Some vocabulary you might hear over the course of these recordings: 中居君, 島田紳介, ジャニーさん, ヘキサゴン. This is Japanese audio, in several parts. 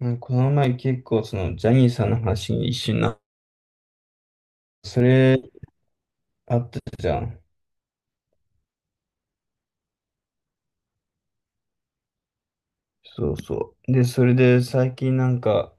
うん、この前結構ジャニーさんの話に一瞬な、それあったじゃん。そうそう。で、それで最近なんか、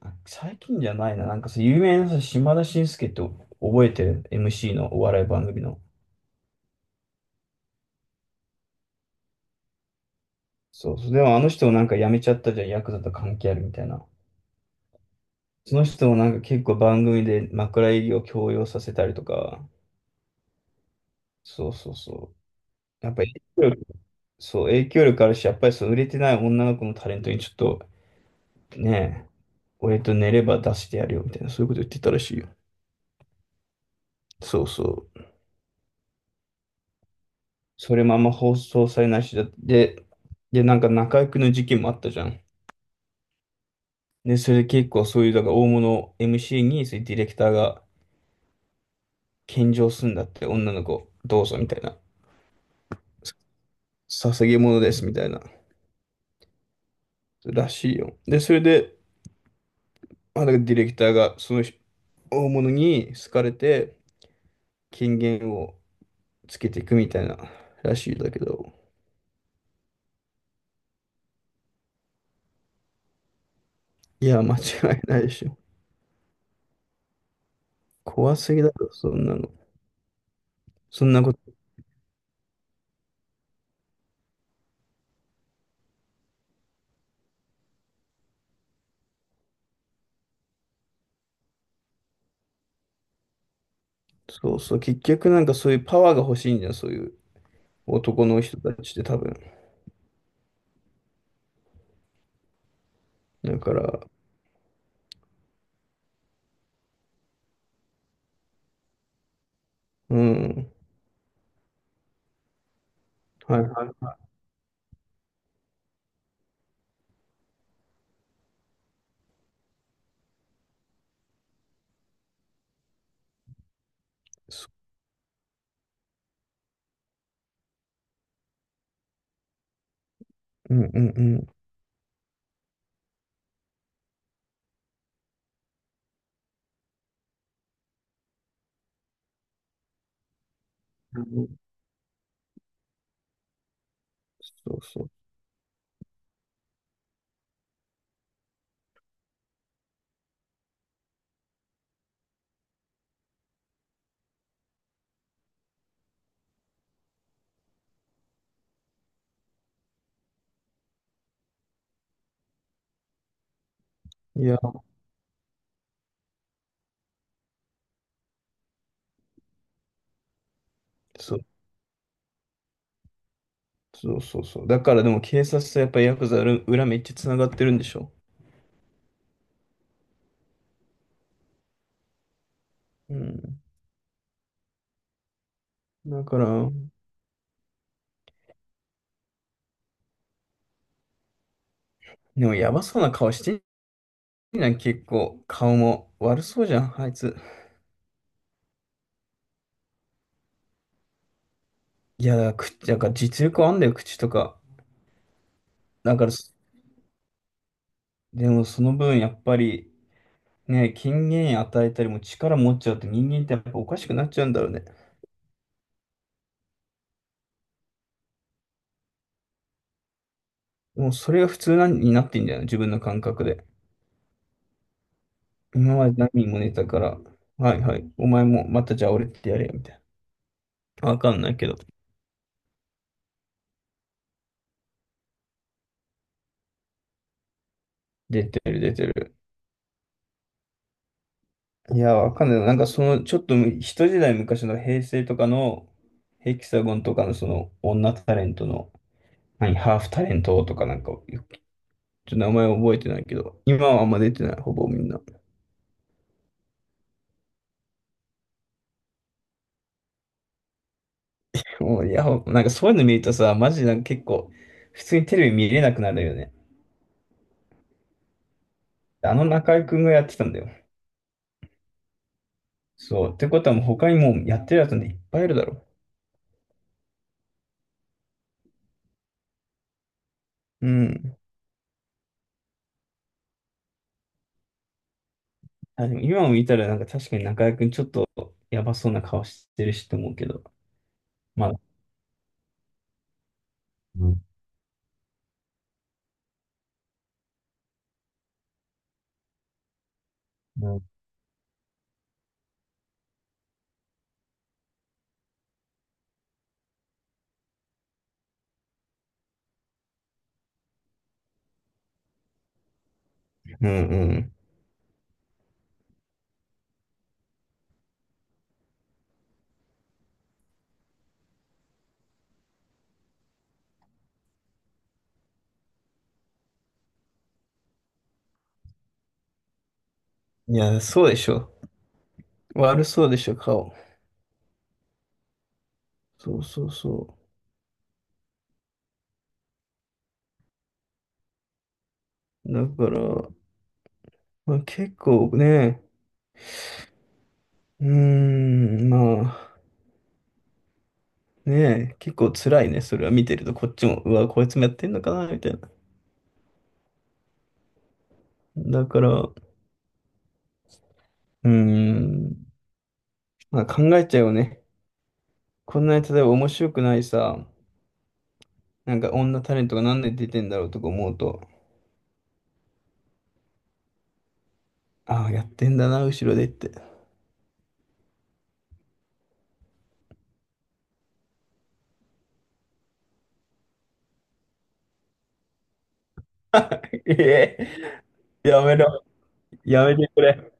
あ最近じゃないな、さ、有名なさ、島田紳介って覚えてる？ MC のお笑い番組の。そうそう。でもあの人もなんか辞めちゃったじゃん、ヤクザと関係あるみたいな。その人もなんか結構番組で枕営業を強要させたりとか、そうそうそう。やっぱり影響力、そう、影響力あるし、やっぱりそう、売れてない女の子のタレントにちょっと、ねえ、俺と寝れば出してやるよみたいな、そういうこと言ってたらしいよ。そうそう。それもあんま放送されないしだって、で、で、中居君の事件もあったじゃん。で、それで結構そういう、だから大物 MC に、そういうディレクターが献上するんだって、女の子、どうぞみたいな。さ捧げ物ですみたいな。らしいよ。で、それで、まあ、だからディレクターがその人大物に好かれて、権限をつけていくみたいならしいんだけど、いや、間違いないでしょ。怖すぎだろ、そんなの。そんなこと、そうそう、結局そういうパワーが欲しいんじゃん、そういう男の人たちって多分。だから、うん、はいはい。そううんうんうん。うんそうそう。いや、そうそうそうそう。だからでも警察とやっぱヤクザ裏裏めっちゃ繋がってるんでしょ。うん。だから、でもやばそうな顔してんじゃん、結構。顔も悪そうじゃん、あいつ。いや、だから口、だから実力あんだよ、口とか。だから、でもその分やっぱり、ねえ、権限与えたりも力持っちゃうって人間ってやっぱおかしくなっちゃうんだろうね。もうそれが普通なんになってんじゃな自分の感覚で。今まで何人も寝たから、はいはい、お前もまたじゃあ俺ってやれよみたいな。わかんないけど。出てる出てる。いや、わかんない。その、ちょっと一時代昔の平成とかのヘキサゴンとかのその女タレントの、何、ハーフタレントとかなんか、ちょっと名前覚えてないけど、今はあんま出てない、ほぼみんな。もう、いや、なんかそういうの見るとさ、マジなんか結構、普通にテレビ見れなくなるよね。あの中居君がやってたんだよ。そう。ってことはもう他にもうやってるやつなんていっぱいいるだろう。うん。あ、でも今を見たらなんか確かに中居君ちょっとやばそうな顔してるしと思うけど。まあ、うんうんうんうん。いや、そうでしょ。悪そうでしょ、顔。そうそうそう。だから、まあ、結構ね、うーん、まあ。ねえ、結構辛いね、それは見てると、こっちも、うわ、こいつもやってんのかな、みたいな。だから、うーん、まあ考えちゃうよね。こんなに例えば面白くないさ、なんか女タレントがなんで出てんだろうとか思うと、ああ、やってんだな、後ろでって。ええ、やめろ、やめてくれ。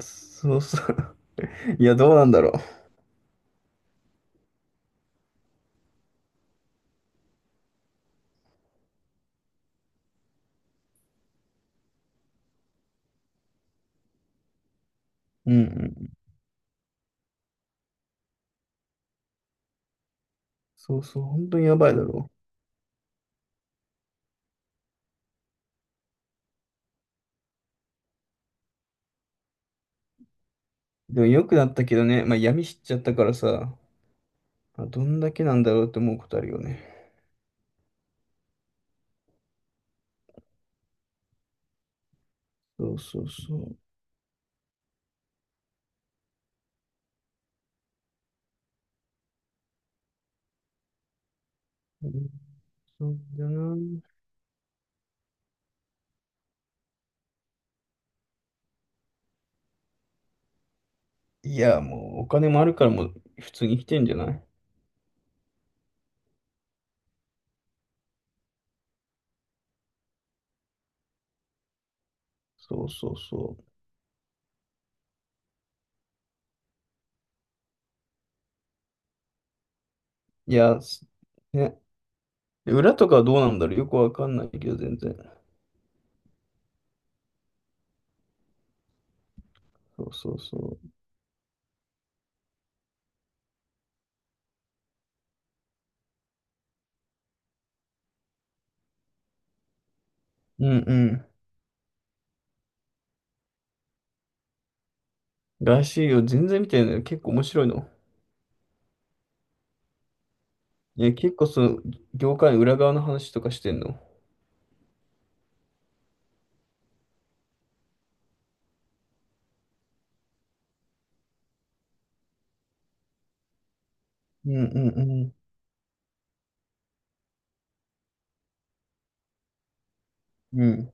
そうそう。いや、どうなんだろう。うんうん。そうそう、本当にやばいだろう。でも良くなったけどね、まあ闇知っちゃったからさ、まあどんだけなんだろうって思うことあるよね。そうそうそう。うんそうだな。いや、もうお金もあるからもう普通に来てんじゃないそうそうそう。いや、すね。で裏とかはどうなんだろうよくわかんないけど、全然。そうそうそう。うんうん。らしいよ。全然見てない結構面白いの。いや、結構その、業界の裏側の話とかしてんの。うんうんうん。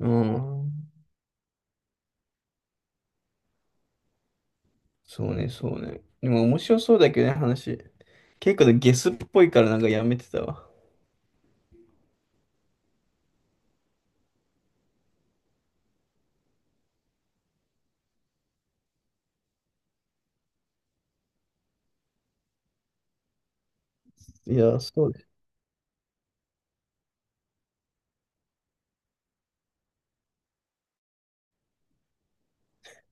うん。ああ。そうね、そうね。でも面白そうだけどね、話。結構ねゲスっぽいからなんかやめてたわ。いや、そうです。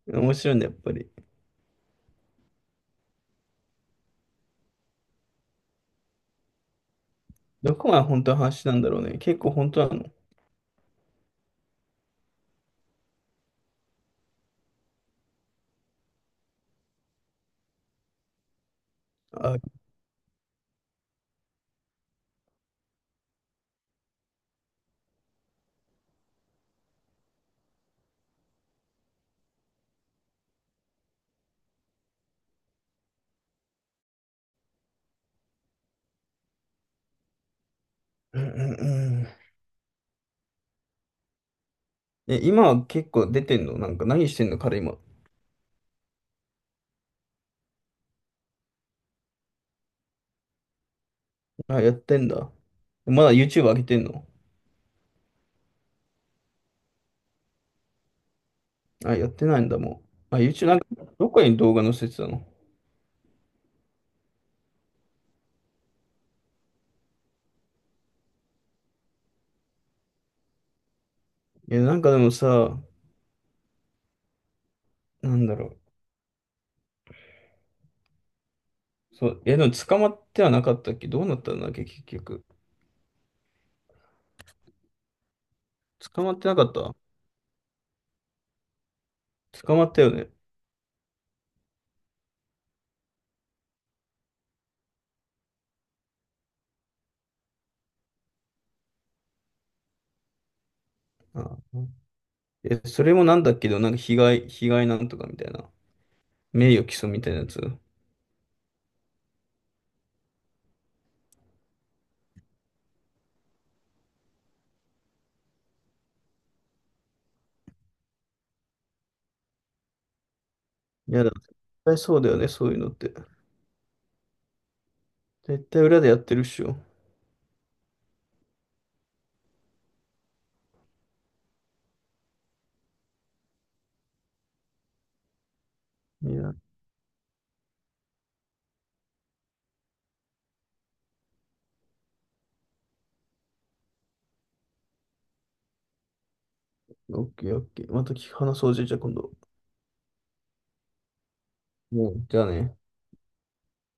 面白いんだ、やっぱり。どこが本当の話なんだろうね。結構本当なの。あ、うんうんうん。え、今は結構出てんのなんか何してんの彼今。あ、やってんだ。まだ YouTube 上げてんのあ、やってないんだもう。あ、YouTube なんかどこに動画載せてたのえ、なんかでもさ、なんだろう。そう、え、でも捕まってはなかったっけどうなったんだっけ結局。捕まってなかった捕まったよね。あ、え、それもなんだけど、なんか被害、被害なんとかみたいな。名誉毀損みたいなやつ。いやだ、絶対そうだよね、そういうのって。絶対裏でやってるっしょ。いや、オッケーオッケー。また聞き話そうじゃじゃあ今度。もう、じゃあね。